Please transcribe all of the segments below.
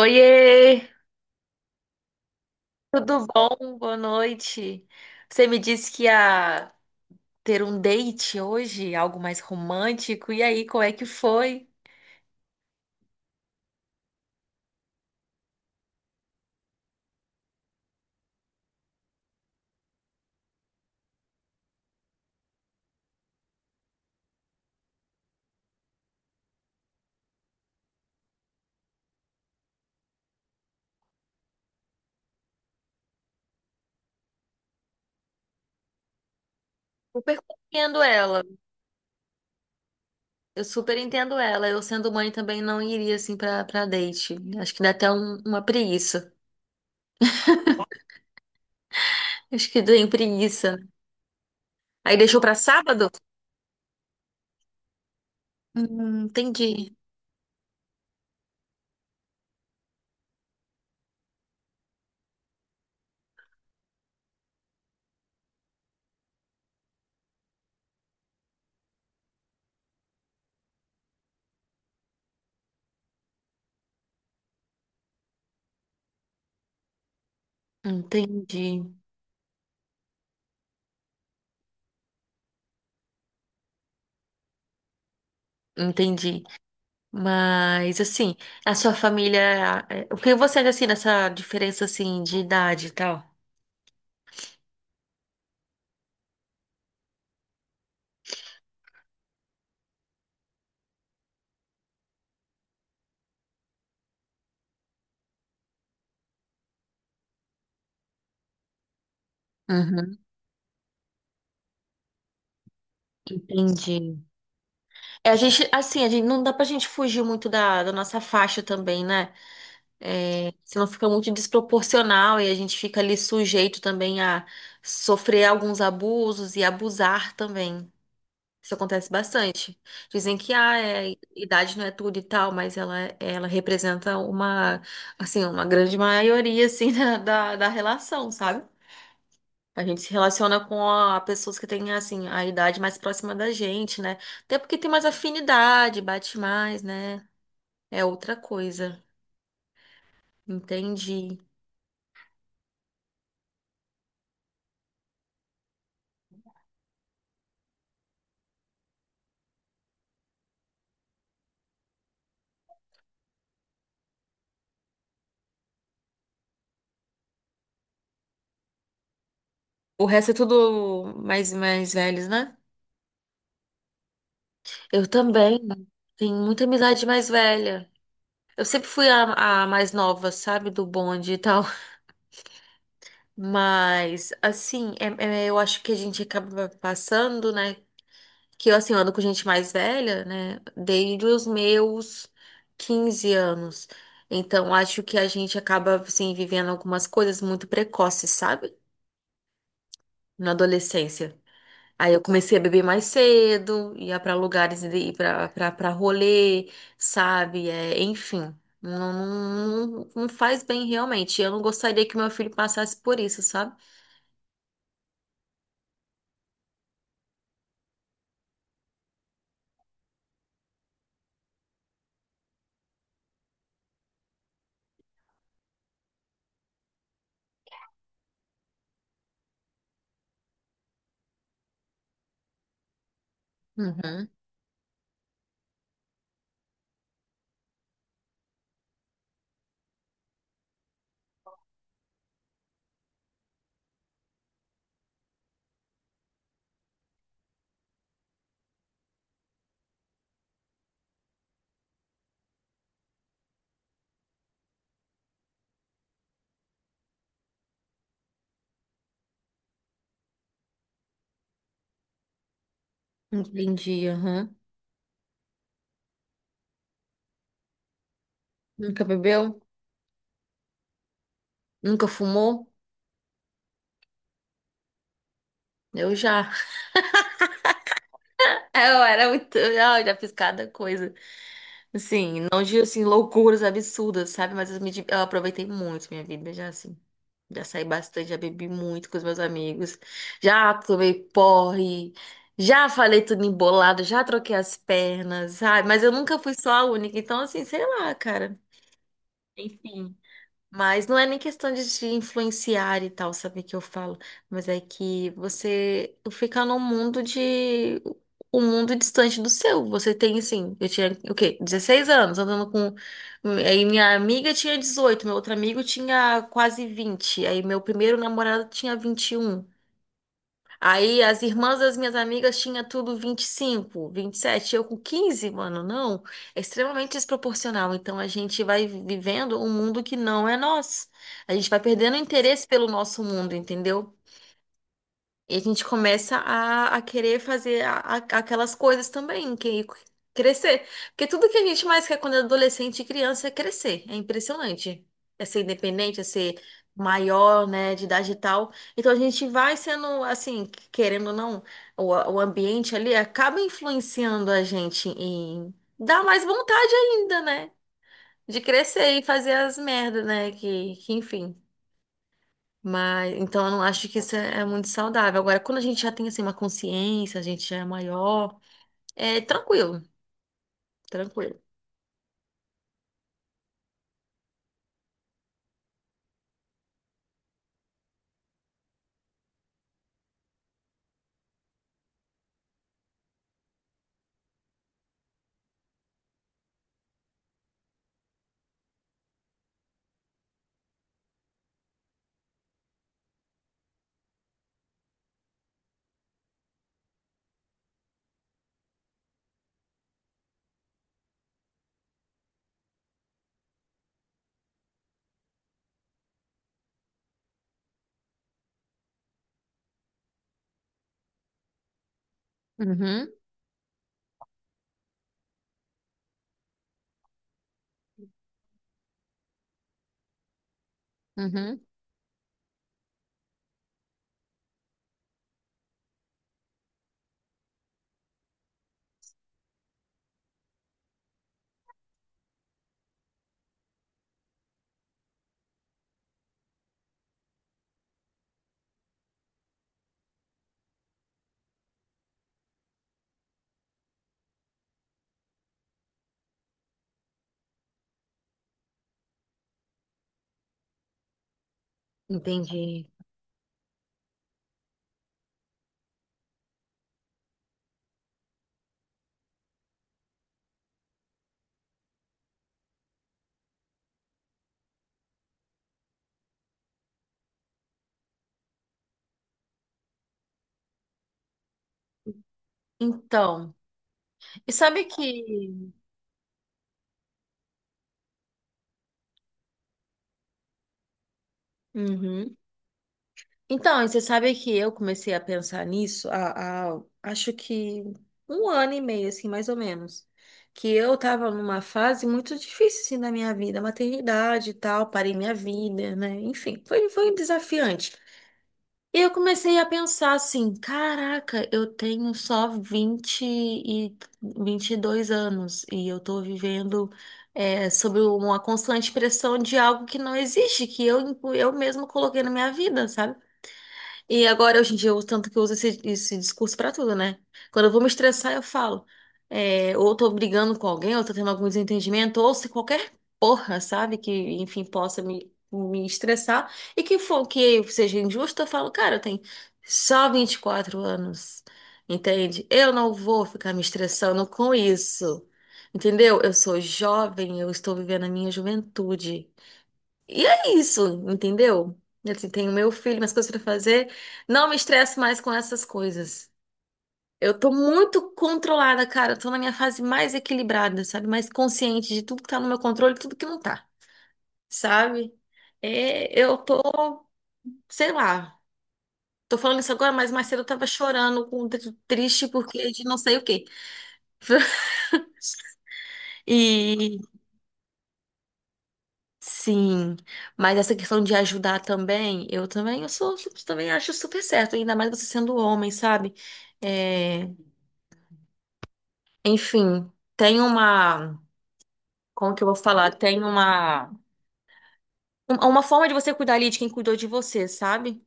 Oiê, tudo bom? Boa noite. Você me disse que ia ter um date hoje, algo mais romântico. E aí, qual é que foi? Super compreendo ela. Eu super entendo ela. Eu sendo mãe também não iria assim pra para date. Acho que dá até uma preguiça. Acho que deu preguiça. Aí deixou pra sábado? Entendi. Entendi, entendi. Mas assim, a sua família, o que você acha assim dessa diferença assim de idade e tal? Uhum, entendi. É, a gente, assim, a gente, não dá pra gente fugir muito da nossa faixa também, né? É, senão fica muito desproporcional e a gente fica ali sujeito também a sofrer alguns abusos e abusar também. Isso acontece bastante. Dizem que ah, é, idade não é tudo e tal, mas ela representa uma, assim, uma grande maioria, assim, da relação, sabe? A gente se relaciona com a, pessoas que têm, assim, a idade mais próxima da gente, né? Até porque tem mais afinidade, bate mais, né? É outra coisa. Entendi. O resto é tudo mais velhos, né? Eu também tenho muita amizade mais velha. Eu sempre fui a mais nova, sabe? Do bonde e tal. Mas, assim, eu acho que a gente acaba passando, né? Que eu, assim, eu ando com gente mais velha, né? Desde os meus 15 anos. Então, acho que a gente acaba, assim, vivendo algumas coisas muito precoces, sabe? Na adolescência. Aí eu comecei a beber mais cedo, ia pra lugares, ir pra rolê, sabe? É, enfim, não, não, não não faz bem realmente. Eu não gostaria que meu filho passasse por isso, sabe? Uhum, entendi, aham. Nunca bebeu? Nunca fumou? Eu já. É, eu era muito. Ai, já fiz cada coisa. Assim, não de assim, loucuras absurdas, sabe? Mas eu aproveitei muito minha vida, já assim. Já saí bastante, já bebi muito com os meus amigos. Já tomei porre. Já falei tudo embolado, já troquei as pernas, sabe? Mas eu nunca fui só a única. Então, assim, sei lá, cara. Enfim. Mas não é nem questão de te influenciar e tal, sabe que eu falo, mas é que você fica num mundo de um mundo distante do seu. Você tem assim, eu tinha o quê? 16 anos, andando com, aí minha amiga tinha 18, meu outro amigo tinha quase 20, aí meu primeiro namorado tinha 21. Aí as irmãs das minhas amigas tinha tudo 20, 25, 27, eu com 15, mano, não. É extremamente desproporcional. Então a gente vai vivendo um mundo que não é nosso. A gente vai perdendo interesse pelo nosso mundo, entendeu? E a gente começa a querer fazer aquelas coisas também, que crescer. Porque tudo que a gente mais quer quando é adolescente e criança é crescer. É impressionante. É ser independente, é ser maior, né, de idade e tal. Então a gente vai sendo, assim, querendo ou não, o ambiente ali acaba influenciando a gente em dar mais vontade ainda, né? De crescer e fazer as merdas, né? Que enfim. Mas então eu não acho que isso é muito saudável. Agora, quando a gente já tem assim uma consciência, a gente já é maior, é tranquilo, tranquilo. Uhum, uhum. Entendi. Então, e sabe que. Uhum. Então, e você sabe que eu comecei a pensar nisso há, acho que um ano e meio, assim, mais ou menos. Que eu tava numa fase muito difícil, assim, da minha vida, maternidade e tal, parei minha vida, né? Enfim, foi desafiante. E eu comecei a pensar assim, caraca, eu tenho só 22 anos e eu tô vivendo sob uma constante pressão de algo que não existe, que eu mesmo coloquei na minha vida, sabe? E agora, hoje em dia, eu uso tanto que eu uso esse discurso pra tudo, né? Quando eu vou me estressar, eu falo. É, ou tô brigando com alguém, ou tô tendo algum desentendimento, ou se qualquer porra, sabe? Que, enfim, possa me estressar. E que for que seja injusto, eu falo, cara, eu tenho só 24 anos, entende? Eu não vou ficar me estressando com isso, entendeu? Eu sou jovem, eu estou vivendo a minha juventude. E é isso, entendeu? Assim, tenho meu filho, minhas coisas pra fazer. Não me estresso mais com essas coisas. Eu tô muito controlada, cara. Eu tô na minha fase mais equilibrada, sabe? Mais consciente de tudo que tá no meu controle e tudo que não tá, sabe? É, eu tô, sei lá. Tô falando isso agora, mas mais cedo eu tava chorando, triste porque de não sei o quê. E sim, mas essa questão de ajudar também, eu também, eu também acho super certo, ainda mais você sendo homem, sabe? É, enfim, tem uma, como que eu vou falar? Tem uma, uma forma de você cuidar ali de quem cuidou de você, sabe?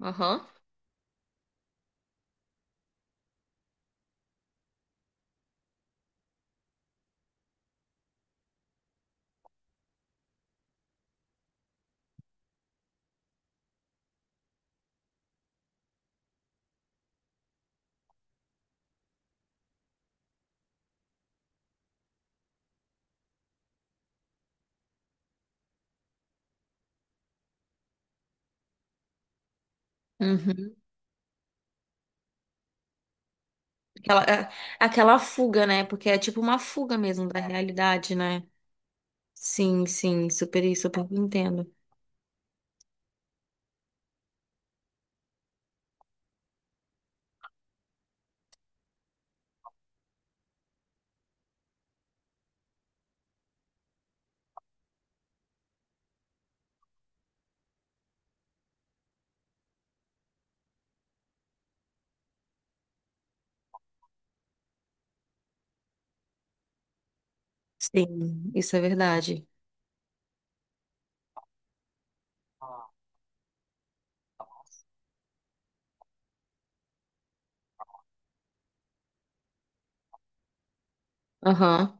Aham. Uhum. Aquela, aquela fuga, né? Porque é tipo uma fuga mesmo da realidade, né? Sim, sim, super, super entendo. Sim, isso é verdade. Aham.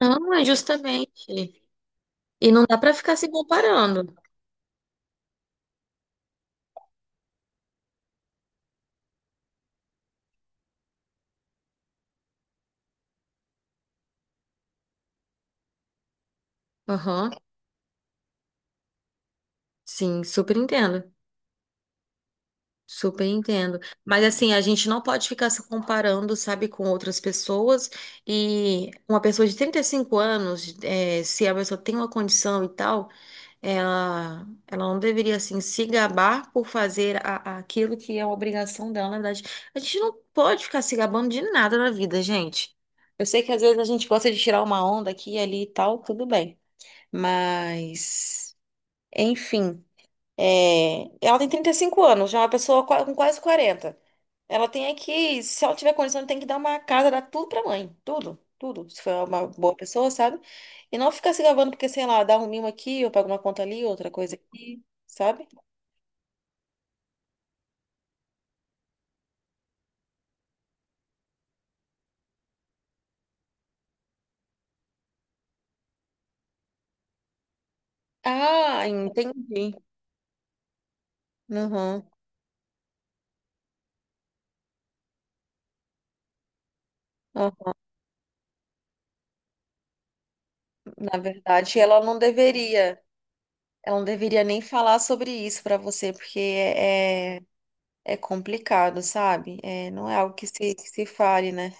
Não, é justamente. E não dá pra ficar se comparando. Aham. Sim, super entendo. Super entendo. Mas assim, a gente não pode ficar se comparando, sabe, com outras pessoas. E uma pessoa de 35 anos, se a pessoa tem uma condição e tal, ela não deveria, assim, se gabar por fazer aquilo que é uma obrigação dela, na verdade. A gente não pode ficar se gabando de nada na vida, gente. Eu sei que às vezes a gente gosta de tirar uma onda aqui e ali e tal, tudo bem. Mas. Enfim, é, ela tem 35 anos, já é uma pessoa com quase 40. Ela tem é que, se ela tiver condição, tem que dar uma casa, dar tudo pra mãe. Tudo, tudo. Se for uma boa pessoa, sabe? E não ficar se gabando porque, sei lá, dá um mimo aqui, ou pago uma conta ali, outra coisa aqui, sabe? Ah, entendi. Uhum. Uhum. Na verdade, ela não deveria. Ela não deveria nem falar sobre isso pra você, porque é complicado, sabe? É, não é algo que se fale, né?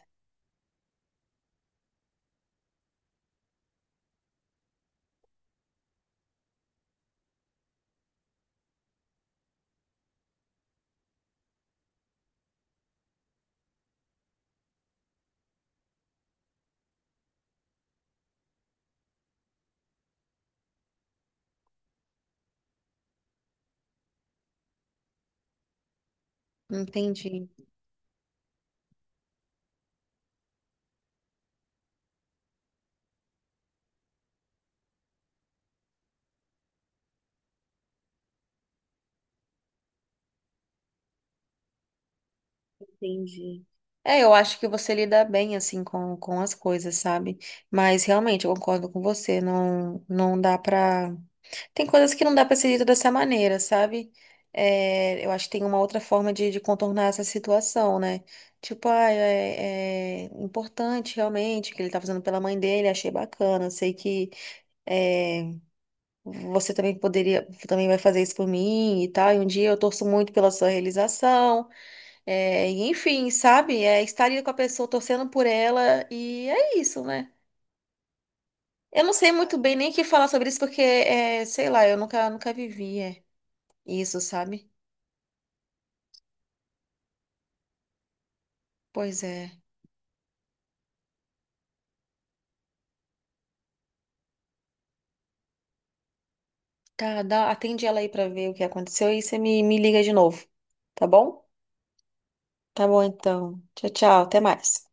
Entendi, entendi. É, eu acho que você lida bem assim com as coisas, sabe? Mas realmente eu concordo com você, não dá pra. Tem coisas que não dá pra ser dito dessa maneira, sabe? É, eu acho que tem uma outra forma de contornar essa situação, né? Tipo, ah, é, é importante realmente o que ele tá fazendo pela mãe dele, achei bacana, sei que é, você também poderia, também vai fazer isso por mim e tal, e um dia eu torço muito pela sua realização. É, e enfim, sabe? É estar ali com a pessoa, torcendo por ela, e é isso, né? Eu não sei muito bem nem o que falar sobre isso, porque, é, sei lá, eu nunca vivi é, isso, sabe? Pois é. Tá, dá, atende ela aí pra ver o que aconteceu e você me liga de novo, tá bom? Tá bom, então. Tchau, tchau, até mais.